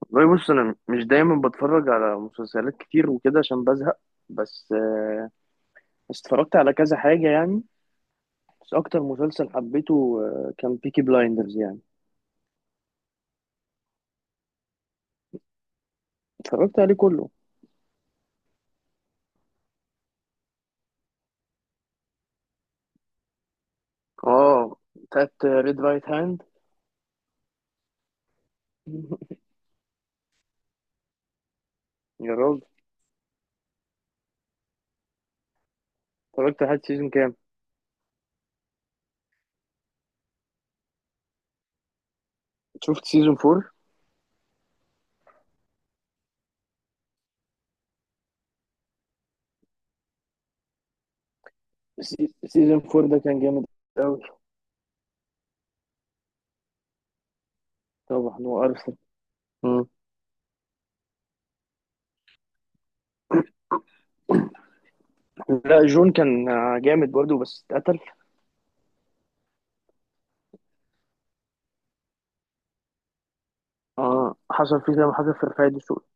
والله بص، انا مش دايما بتفرج على مسلسلات كتير وكده عشان بزهق. بس بس اتفرجت على كذا حاجه يعني. بس اكتر مسلسل حبيته كان بيكي بلايندرز يعني. اتفرجت عليه كله. اه، بتاعت ريد رايت هاند. يا راجل، اتفرجت لحد سيزون كام؟ شفت سيزون فور؟ سيزون فور ده كان جامد قوي. طبعا هو ارسنال. مم. لا، جون كان جامد برضه بس اتقتل. اه، حصل فيه زي ما حصل في رفاعي دسوقي.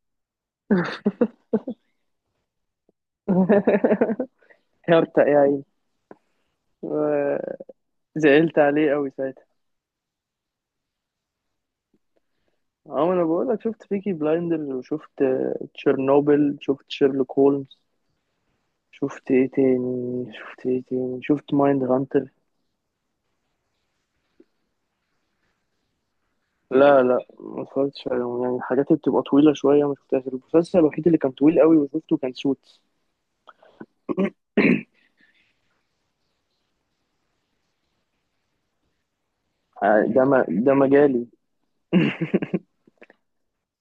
هرتق يا عيني، زعلت عليه قوي ساعتها. اه، ما انا بقول لك، شفت بيكي بلايندرز، وشفت تشيرنوبل، شفت شيرلوك هولمز، شفت ايه تاني، شفت ايه تاني، شفت مايند هانتر. لا لا، ما اتفرجتش عليهم يعني الحاجات اللي بتبقى طويلة شوية ما شفتهاش. المسلسل الوحيد اللي كان طويل قوي وشفته كان سوتس. ده ما ده مجالي.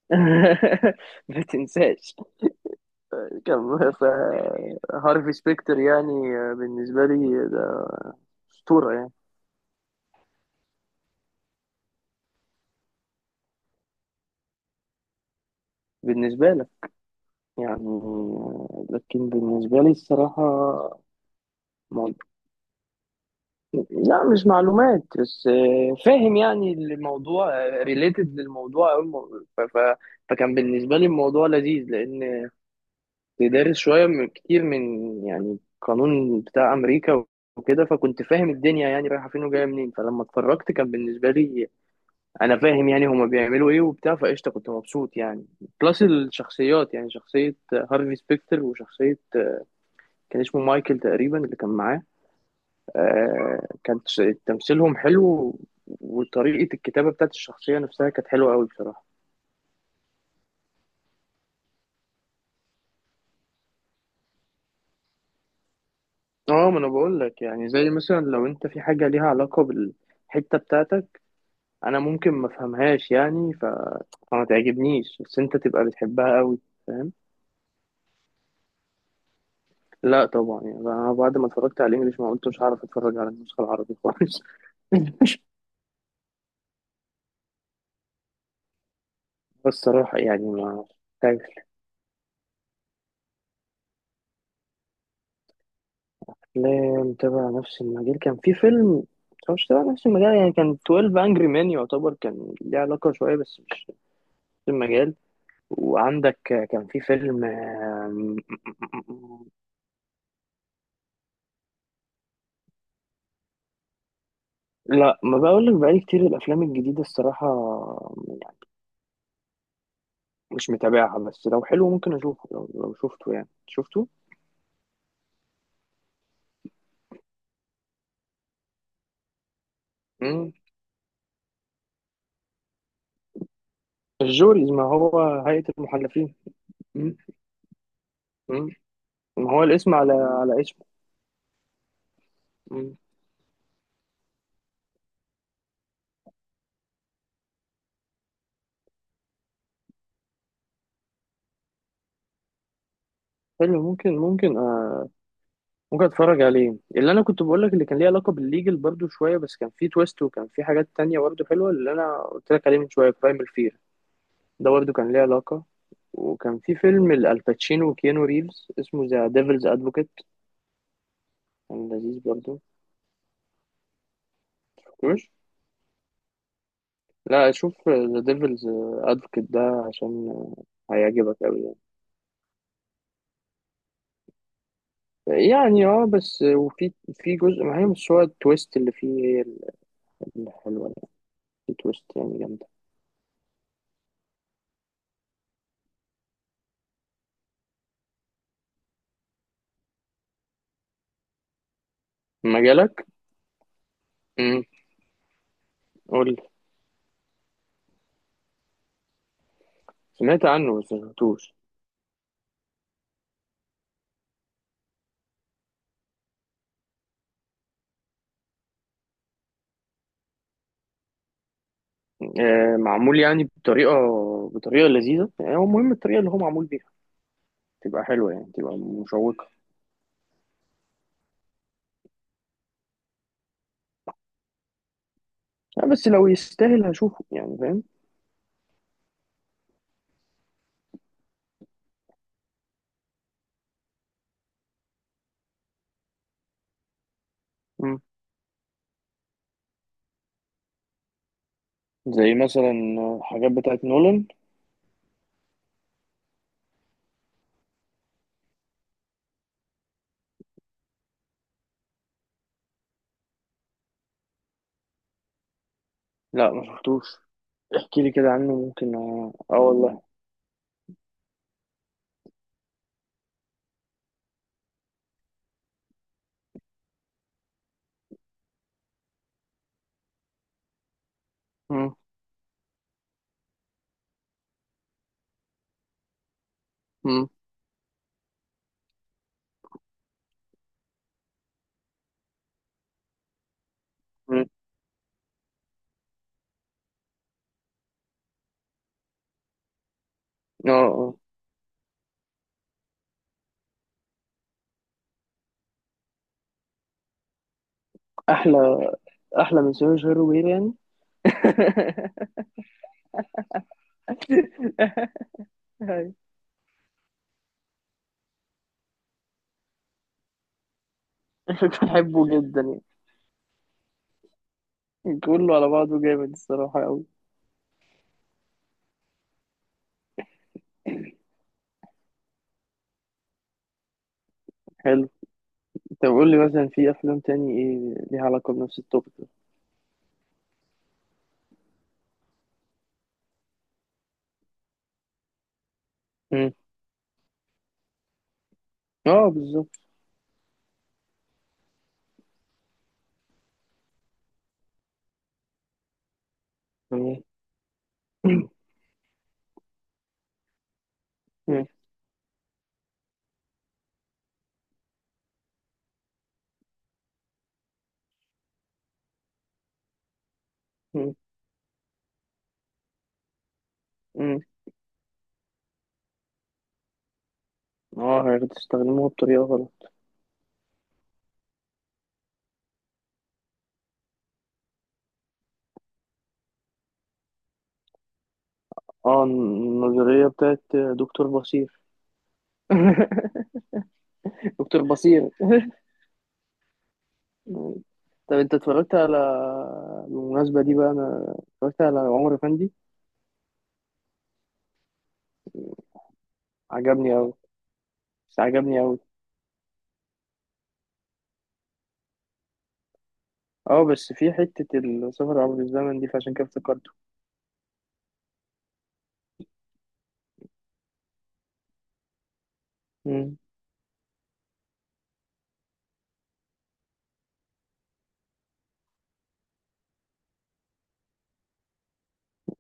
ما تنساش، كان هارفي سبيكتر يعني بالنسبة لي ده أسطورة يعني. بالنسبة لك يعني لكن بالنسبة لي الصراحة مو- لا مش معلومات، بس فاهم يعني الموضوع ريليتد للموضوع أوي، فكان بالنسبة لي الموضوع لذيذ، لأن دارس شوية من كتير من يعني قانون بتاع أمريكا وكده. فكنت فاهم الدنيا يعني رايحة فين وجاية منين. فلما اتفرجت كان بالنسبة لي أنا فاهم يعني هما بيعملوا إيه وبتاع، فقشطة كنت مبسوط يعني. بلس الشخصيات، يعني شخصية هارفي سبيكتر وشخصية كان اسمه مايكل تقريبا اللي كان معاه. كان تمثيلهم حلو، وطريقة الكتابة بتاعت الشخصية نفسها كانت حلوة أوي بصراحة. اه، ما انا بقول لك يعني، زي مثلا لو انت في حاجة ليها علاقة بالحتة بتاعتك، انا ممكن ما افهمهاش يعني فما تعجبنيش، بس انت تبقى بتحبها قوي. فاهم. لا طبعا يعني انا بعد ما اتفرجت على الانجليش، ما قلت مش هعرف اتفرج على النسخة العربي خالص. بس الصراحة يعني ما. لا، متابع نفس المجال كان في فيلم، بس هو مش تبع نفس المجال يعني. كان 12 انجري مان يعتبر كان ليه علاقة شوية بس مش نفس المجال. وعندك كان في فيلم لا، ما بقول لك بقالي كتير الافلام الجديدة الصراحة يعني مش متابعها. بس لو حلو ممكن اشوفه، لو شفته يعني شفته. مم. الجوريز ما هو. هيئة المحلفين. مم. مم. ما هو الاسم على على اسمه. مم. حلو، ممكن اتفرج عليه. اللي انا كنت بقول لك اللي كان ليه علاقه بالليجل برضو شويه، بس كان فيه تويست وكان فيه حاجات تانية برضو حلوه. اللي انا قلت لك عليه من شويه برايمال فير ده برضو كان ليه علاقه. وكان في فيلم الباتشينو وكيانو ريفز اسمه ذا ديفلز ادفوكيت. كان لذيذ برضو. مش، لا، شوف ذا ديفلز ادفوكيت ده عشان هيعجبك قوي يعني. يعني اه، بس وفي في جزء، ما هي مش هو التويست اللي فيه هي الحلوه يعني. في تويست يعني جامده. مجالك. امم. قول. سمعت عنه بس ما شفتوش. معمول يعني بطريقة، بطريقة لذيذة يعني. هو مهم الطريقة اللي هو معمول بيها تبقى حلوة يعني، تبقى مشوقة. بس لو يستاهل هشوفه يعني. فاهم. مم. زي مثلا حاجات بتاعت نولان. لا، ما شفتوش. احكي لي كده عنه، ممكن اه والله. مم. مم. مم. اه. آه. احلى، احلى من سيرج هيروين يعني. أيوة. بحبه جدا يعني، كله على بعضه جامد الصراحة أوي. حلو. طب قول لي مثلا في افلام تاني ايه ليها علاقه بنفس التوبيك ده. مم. اه، بالظبط. مم. مم. مم. مم. اه، هتستخدموها بطريقه غلط. اه، النظريه بتاعت دكتور بصير. دكتور بصير. طب انت اتفرجت على، بالمناسبه دي بقى انا اتفرجت على عمر فندي. عجبني قوي. بس عجبني قوي. اه، بس في حته السفر عبر الزمن دي فعشان كده افتكرته. مم.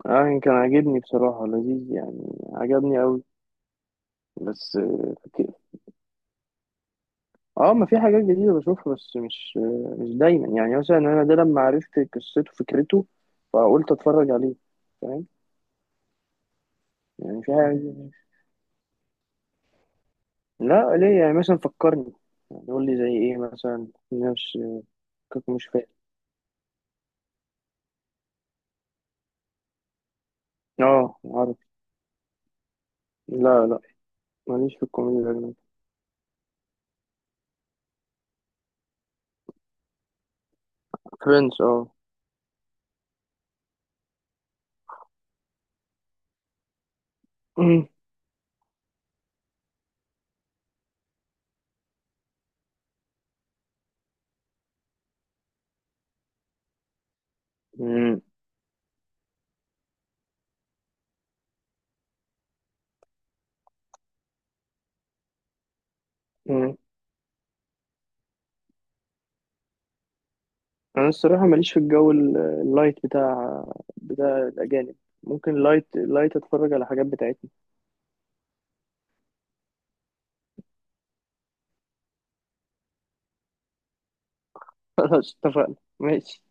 اه، كان عاجبني بصراحه، لذيذ يعني، عجبني قوي. بس. اه، ما في حاجات جديدة بشوفها، بس مش دايما يعني. مثلا انا ده لما عرفت قصته فكرته، فقلت اتفرج عليه. فاهم. يعني في حاجة. لا، ليه؟ يعني مثلا فكرني، يعني قول لي زي ايه مثلا نفس. كنت مش فاهم. اه عارف. لا لا، ماليش في الكوميديا الأجنبية. فريندز اه. مم. مم. انا الصراحة ماليش في الجو اللايت بتاع الاجانب. ممكن لايت لايت اتفرج على حاجات بتاعتنا. خلاص اتفقنا. ماشي.